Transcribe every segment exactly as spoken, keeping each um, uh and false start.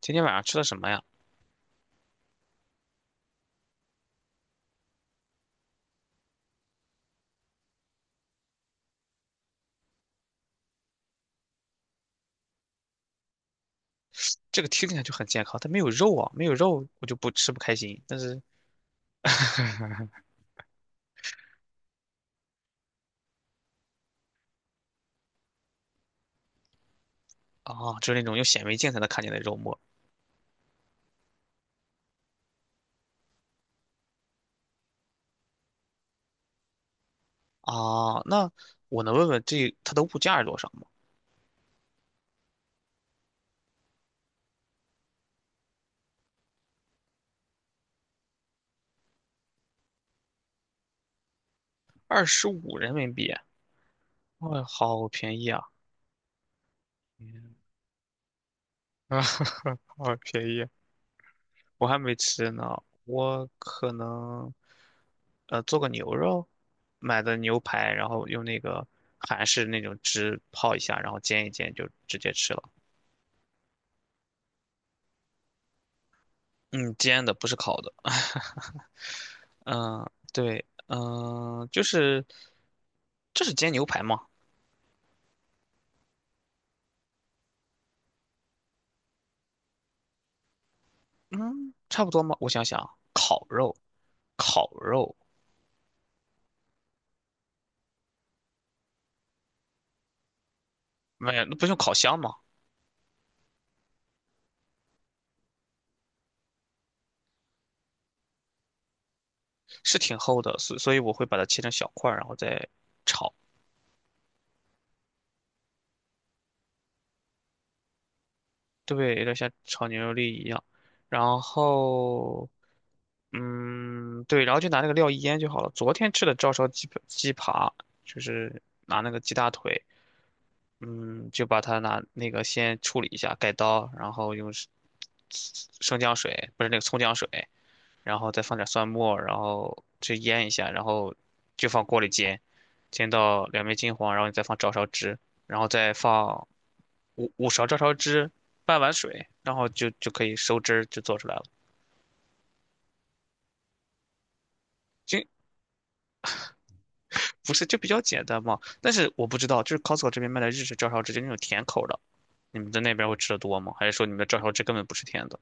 今天晚上吃的什么呀？这个听起来就很健康，它没有肉啊，没有肉我就不吃不开心。但是，啊，就是那种用显微镜才能看见的肉末啊。那我能问问这它的物价是多少吗？二十五人民币，哇、好便宜啊 嗯啊，好便宜，我还没吃呢。我可能，呃，做个牛肉，买的牛排，然后用那个韩式那种汁泡一下，然后煎一煎就直接吃了。嗯，煎的不是烤的。嗯，对，嗯，就是这是煎牛排吗？嗯，差不多吗？我想想，烤肉，烤肉，没有，那不是用烤箱吗？是挺厚的，所所以我会把它切成小块儿，然后再炒。对，有点像炒牛肉粒一样。然后，嗯，对，然后就拿那个料一腌就好了。昨天吃的照烧鸡鸡扒，就是拿那个鸡大腿。嗯，就把它拿那个先处理一下，改刀，然后用生生姜水，不是那个葱姜水，然后再放点蒜末，然后去腌一下，然后就放锅里煎，煎到两面金黄，然后你再放照烧汁，然后再放五五勺照烧汁，半碗水，然后就就可以收汁儿就做出来了。就不是就比较简单嘛，但是我不知道，就是 Costco 这边卖的日式照烧汁，就那种甜口的，你们在那边会吃的多吗？还是说你们的照烧汁根本不是甜的？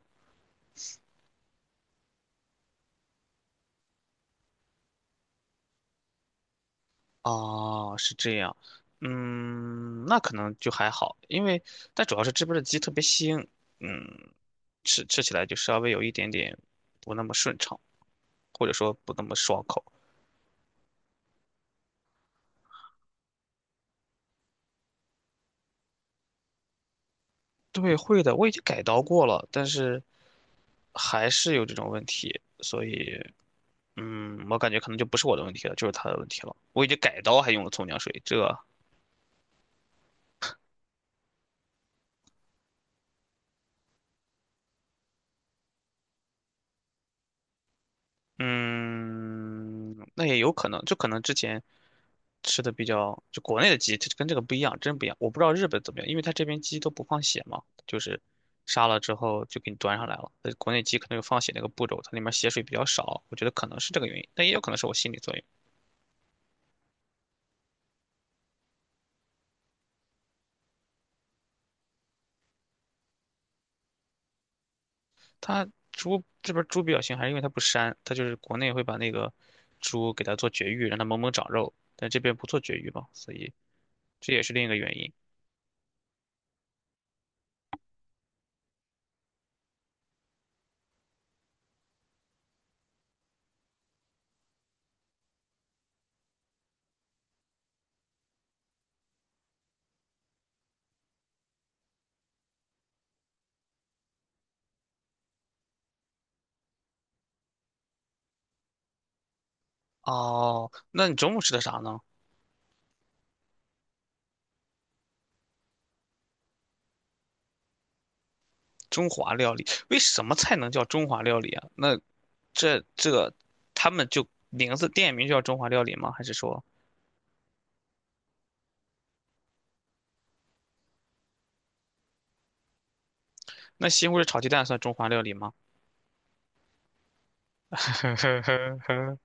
哦，是这样，嗯，那可能就还好，因为但主要是这边的鸡特别腥，嗯，吃吃起来就稍微有一点点不那么顺畅，或者说不那么爽口。对，会的，我已经改刀过了，但是还是有这种问题，所以，嗯，我感觉可能就不是我的问题了，就是他的问题了。我已经改刀还用了葱姜水，这。嗯，那也有可能，就可能之前吃的比较，就国内的鸡，它跟这个不一样，真不一样。我不知道日本怎么样，因为它这边鸡都不放血嘛，就是杀了之后就给你端上来了。呃国内鸡可能有放血那个步骤，它里面血水比较少，我觉得可能是这个原因，但也有可能是我心理作用。它猪这边猪比较腥，还是因为它不膻，它就是国内会把那个猪给它做绝育，让它猛猛长肉，但这边不做绝育嘛，所以这也是另一个原因。哦，那你中午吃的啥呢？中华料理，为什么菜能叫中华料理啊？那这这个他们就名字店名就叫中华料理吗？还是说那西红柿炒鸡蛋算中华料理吗？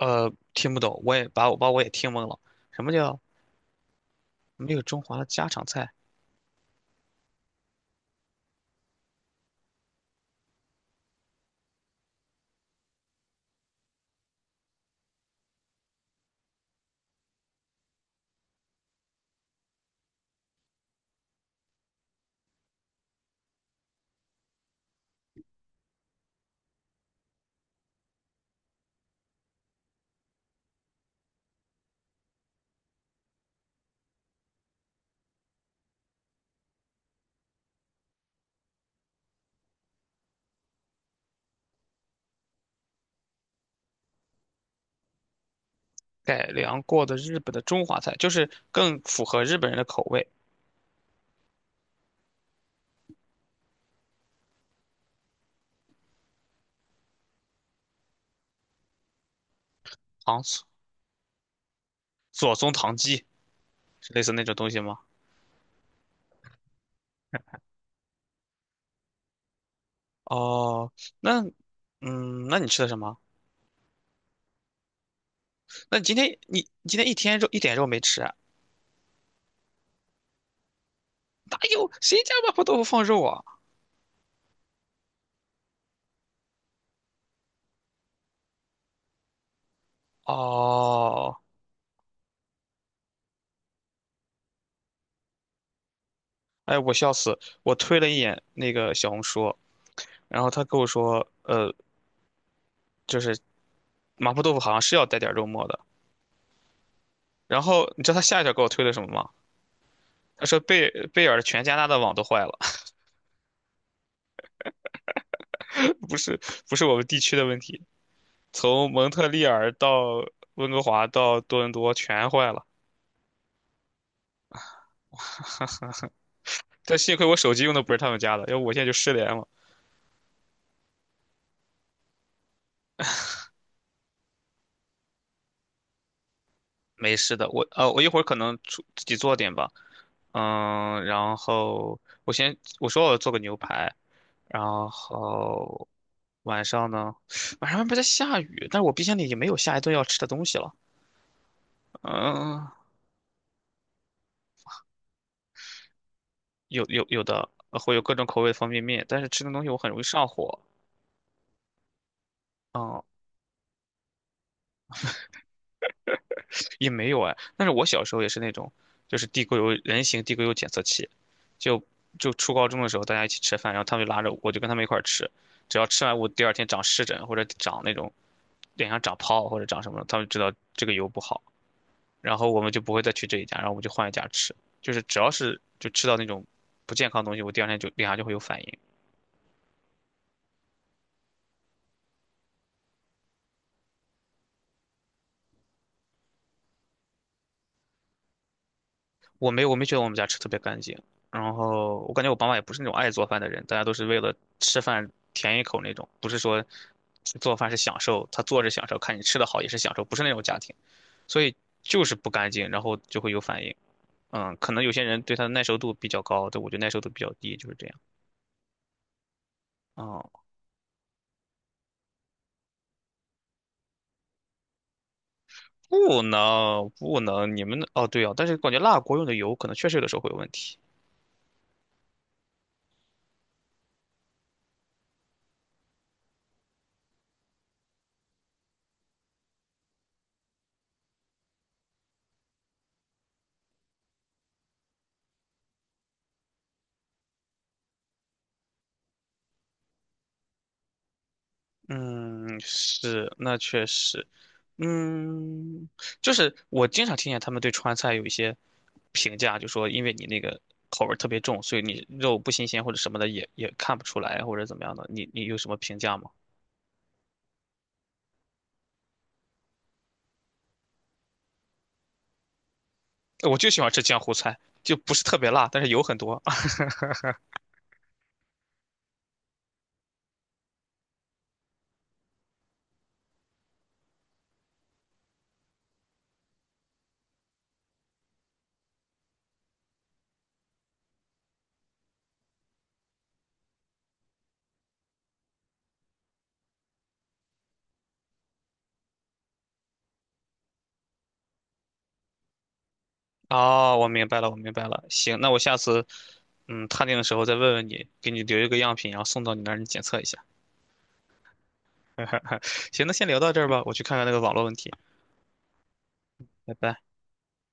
呃，听不懂，我也把我把我也听懵了。什么叫没有中华的家常菜？改良过的日本的中华菜，就是更符合日本人的口味。糖醋左宗棠鸡是类似那种东西吗？哦，那嗯，那你吃的什么？那你今天你你今天一天肉一点肉没吃啊？哪有？谁家麻婆豆腐放肉啊？哦，哎，我笑死！我推了一眼那个小红书，然后他跟我说，呃，就是麻婆豆腐好像是要带点肉末的。然后你知道他下一条给我推的什么吗？他说贝贝尔全加拿大的网都坏了，不是不是我们地区的问题，从蒙特利尔到温哥华到多伦多全坏了。但幸亏我手机用的不是他们家的，要不我现在就失联了。没事的，我呃，我一会儿可能出自己做点吧，嗯，然后我先我说我要做个牛排，然后晚上呢，晚上外面在下雨，但是我冰箱里也没有下一顿要吃的东西了，嗯，有有有的呃会有各种口味的方便面，但是吃那东西我很容易上火，嗯。也没有哎，但是我小时候也是那种，就是地沟油人形地沟油检测器，就就初高中的时候，大家一起吃饭，然后他们就拉着我，我就跟他们一块儿吃，只要吃完我第二天长湿疹或者长那种脸上长泡或者长什么，他们知道这个油不好，然后我们就不会再去这一家，然后我们就换一家吃，就是只要是就吃到那种不健康的东西，我第二天就脸上就会有反应。我没有，我没觉得我们家吃特别干净。然后我感觉我爸妈也不是那种爱做饭的人，大家都是为了吃饭填一口那种，不是说做饭是享受，他做着享受，看你吃的好也是享受，不是那种家庭，所以就是不干净，然后就会有反应。嗯，可能有些人对它的耐受度比较高，对，我觉得耐受度比较低，就是这样。哦，不能不能，你们的哦对哦，但是感觉辣锅用的油可能确实有的时候会有问题。嗯，是，那确实，嗯，就是我经常听见他们对川菜有一些评价，就说因为你那个口味儿特别重，所以你肉不新鲜或者什么的也也看不出来或者怎么样的，你你有什么评价吗？我就喜欢吃江湖菜，就不是特别辣，但是油很多。哦，我明白了，我明白了。行，那我下次嗯探店的时候再问问你，给你留一个样品，然后送到你那儿，你检测一下。行，那先聊到这儿吧，我去看看那个网络问题，拜拜。